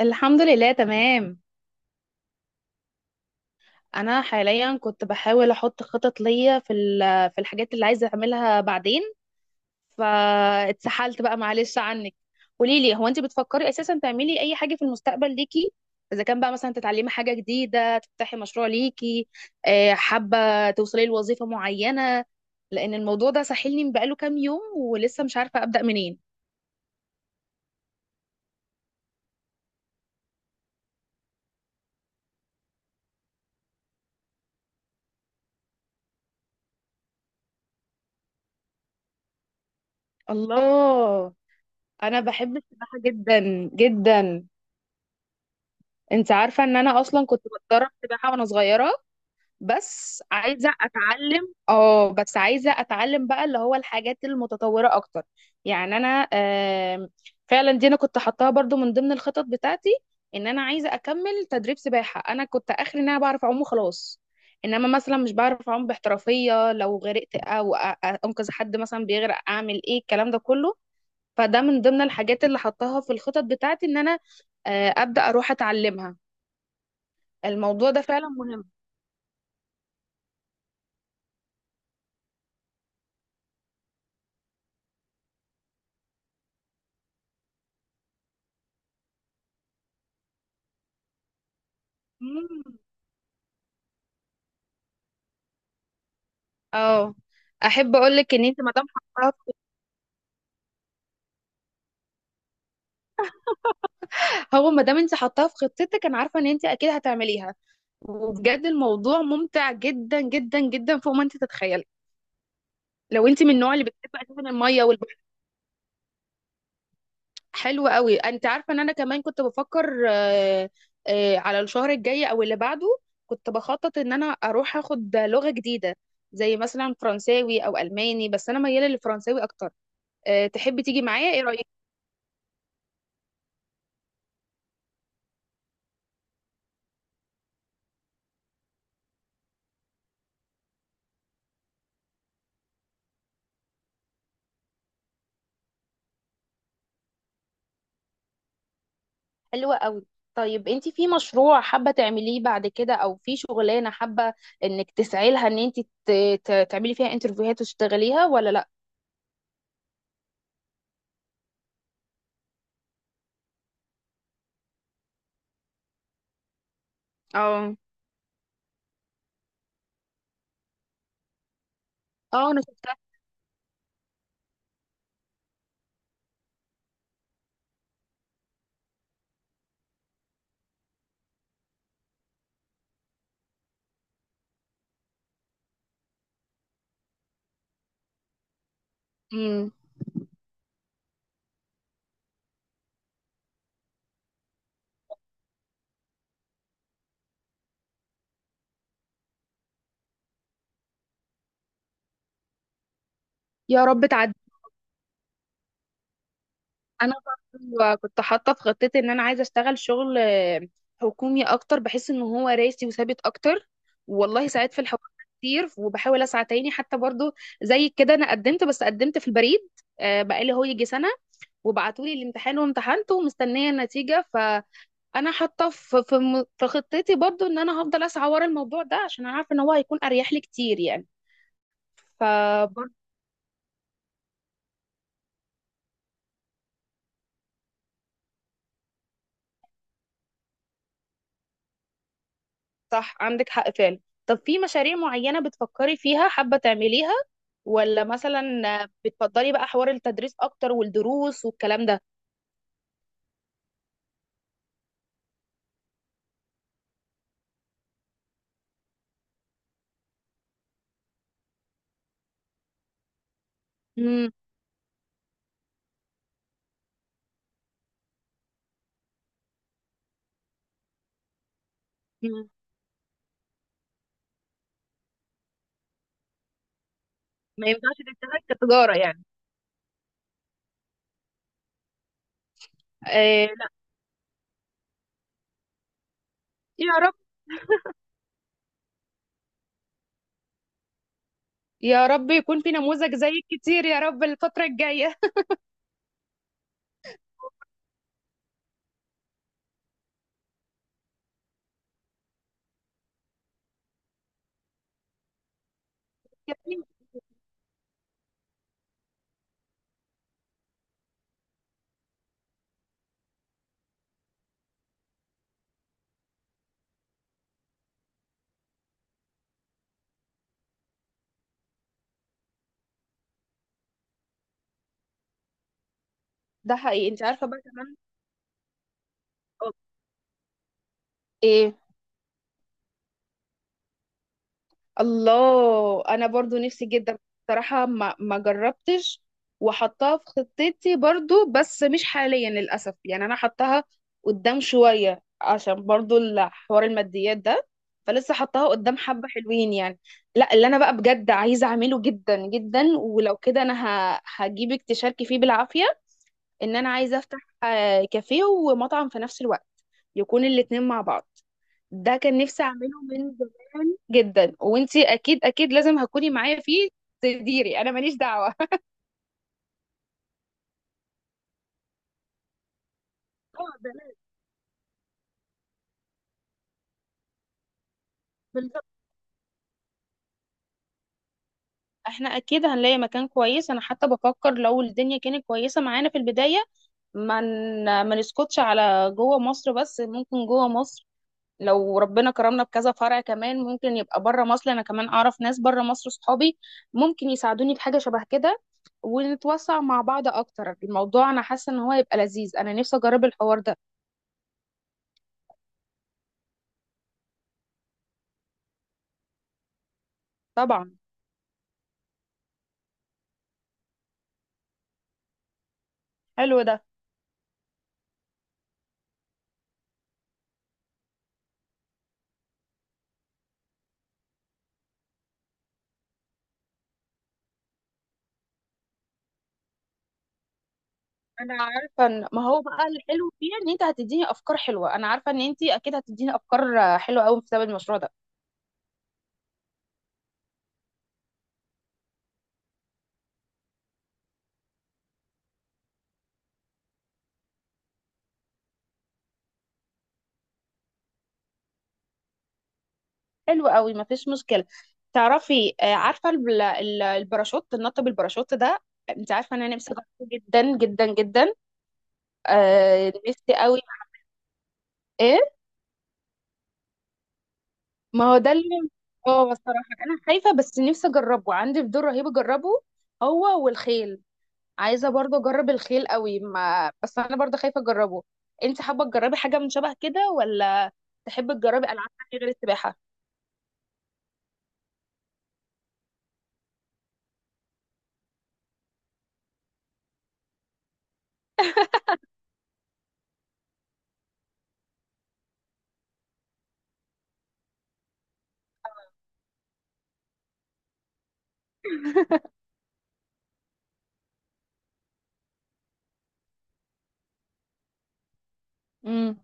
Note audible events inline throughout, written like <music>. الحمد لله تمام. انا حاليا كنت بحاول احط خطط ليا في الحاجات اللي عايزه اعملها بعدين، فاتسحلت بقى معلش عنك. قولي لي، هو انت بتفكري اساسا تعملي اي حاجه في المستقبل ليكي؟ اذا كان بقى مثلا تتعلمي حاجه جديده، تفتحي مشروع ليكي، حابه توصلي لوظيفه معينه؟ لان الموضوع ده ساحلني بقاله كام يوم ولسه مش عارفه ابدا منين. الله، انا بحب السباحه جدا جدا. انت عارفة ان انا اصلا كنت بتدرب سباحة وانا صغيرة، بس عايزة اتعلم اه، بس عايزة اتعلم بقى اللي هو الحاجات المتطورة اكتر. يعني انا فعلا دي انا كنت حطاها برضو من ضمن الخطط بتاعتي، ان انا عايزة اكمل تدريب سباحة. انا كنت اخري ان انا بعرف اعوم وخلاص، انما مثلا مش بعرف اعوم باحترافية، لو غرقت او انقذ حد مثلا بيغرق اعمل ايه، الكلام ده كله. فده من ضمن الحاجات اللي حطاها في الخطط بتاعتي، ان انا ابدا اروح اتعلمها. الموضوع ده فعلا مهم. مم. اه. احب اقول لك ان انت ما دام هو ما دام انت حطاها في خطتك، انا عارفه ان انت اكيد هتعمليها. وبجد الموضوع ممتع جدا جدا جدا فوق ما انت تتخيلي، لو انت من النوع اللي بتحب اساسا الميه والبحر. حلو قوي. انت عارفه ان انا كمان كنت بفكر على الشهر الجاي او اللي بعده كنت بخطط ان انا اروح اخد لغه جديده، زي مثلا فرنساوي او الماني، بس انا مياله للفرنساوي اكتر. تحبي تيجي معايا؟ ايه رايك؟ حلوة قوي. طيب انت في مشروع حابة تعمليه بعد كده، او في شغلانة حابة انك تسعي لها، ان انت تعملي فيها انترفيوهات وتشتغليها، ولا لا؟ اه. اه انا شفتها. امم. يا رب تعدي. انا برضو كنت حاطه في خطتي ان انا عايزه اشتغل شغل حكومي اكتر، بحس ان هو راسي وثابت اكتر والله ساعات في الحوار كتير. وبحاول اسعى تاني حتى برضو زي كده، انا قدمت، بس قدمت في البريد بقالي هو يجي سنه، وبعتولي الامتحان وامتحنته ومستنيه النتيجه. انا حاطه في خطتي برضو ان انا هفضل اسعى ورا الموضوع ده، عشان انا عارفه ان هو هيكون اريح لي كتير يعني. فبرضو. صح، عندك حق فعلا. طب في مشاريع معينه بتفكري فيها حابه تعمليها، ولا مثلا بتفضلي بقى حوار التدريس اكتر والدروس والكلام ده؟ امم. ما ينفعش تشتغل كتجارة يعني؟ آه لا. يا رب، يا رب يكون في نموذج زيك كتير يا رب الفتره الجايه. <laughs> ده حقيقي. انت عارفه بقى كمان آه. الله، انا برضو نفسي جدا، بصراحة ما جربتش. وحطها في خطتي برضو، بس مش حاليا للأسف يعني، انا حطها قدام شوية عشان برضو الحوار الماديات ده، فلسه حطها قدام حبة حلوين يعني. لا، اللي انا بقى بجد عايزة اعمله جدا جدا، ولو كده انا هجيبك تشاركي فيه بالعافية، ان انا عايزه افتح كافيه ومطعم في نفس الوقت، يكون الاتنين مع بعض. ده كان نفسي اعمله من زمان جدا، وانتي اكيد اكيد لازم هتكوني معايا فيه، تديري انا ماليش دعوه. <laughs> اه بلاش. بالظبط، احنا اكيد هنلاقي مكان كويس. انا حتى بفكر لو الدنيا كانت كويسه معانا في البدايه، ما نسكتش على جوه مصر، بس ممكن جوه مصر لو ربنا كرمنا بكذا فرع كمان، ممكن يبقى بره مصر. انا كمان اعرف ناس بره مصر صحابي، ممكن يساعدوني في حاجه شبه كده، ونتوسع مع بعض اكتر. الموضوع انا حاسه ان هو هيبقى لذيذ، انا نفسي اجرب الحوار ده. طبعا. حلو ده. انا عارفه ان ما هو بقى الحلو فيه ان انت هتديني افكار حلوه، انا عارفه ان انت اكيد هتديني افكار حلوه قوي بسبب المشروع ده. حلو قوي، ما فيش مشكله. تعرفي عارفه الباراشوت، النط بالباراشوت ده، انت عارفه ان انا نفسي اجربه جدا جدا جدا. آه نفسي قوي. ايه؟ ما هو ده اللي، اه الصراحه انا خايفه بس نفسي اجربه، عندي فضول رهيب اجربه. هو والخيل، عايزه برضه اجرب الخيل قوي، ما بس انا برضه خايفه اجربه. انت حابه تجربي حاجه من شبه كده، ولا تحبي تجربي العاب تانية غير السباحه؟ امم.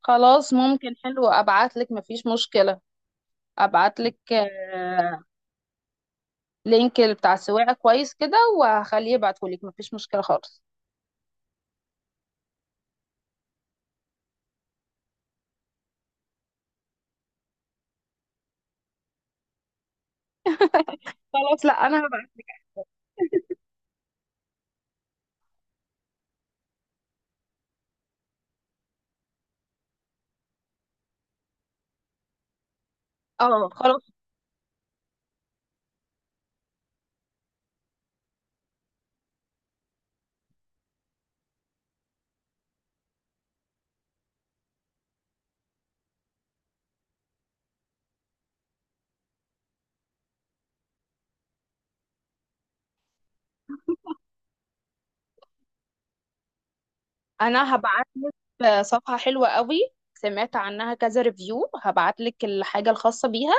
خلاص ممكن، حلو، ابعت لك مفيش مشكله. ابعت لك لينك بتاع السواقه كويس كده، وهخليه يبعته لك مفيش مشكله خالص. خلاص، لا انا هبعت لك. اه خلاص، انا هبعت لك صفحة حلوة قوي، سمعت عنها كذا ريفيو، هبعت لك الحاجة الخاصة بيها.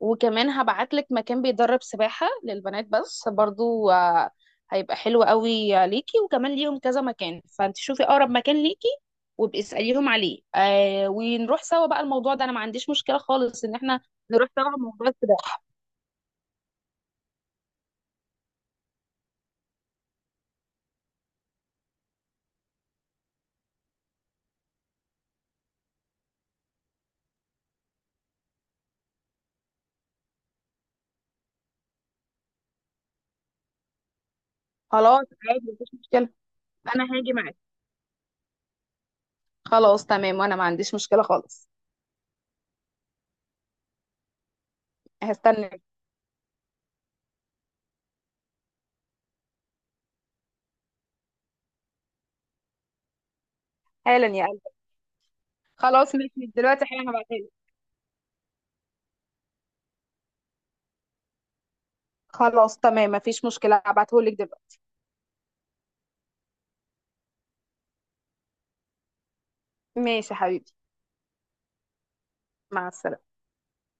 وكمان هبعت لك مكان بيدرب سباحة للبنات بس برضو، هيبقى حلو قوي ليكي، وكمان ليهم كذا مكان، فانت شوفي اقرب مكان ليكي وابقي اسأليهم عليه. آه، ونروح سوا بقى. الموضوع ده انا ما عنديش مشكلة خالص ان احنا نروح سوا موضوع السباحة. خلاص، عادي مفيش مشكلة. انا هاجي معاك، خلاص تمام، وانا ما عنديش مشكلة خالص. هستنى. حالا يا. خلاص ماشي، دلوقتي حالا هبعتهالك. خلاص تمام مفيش مشكلة، هبعتهولك دلوقتي. ماشي يا حبيبي. مع السلامة.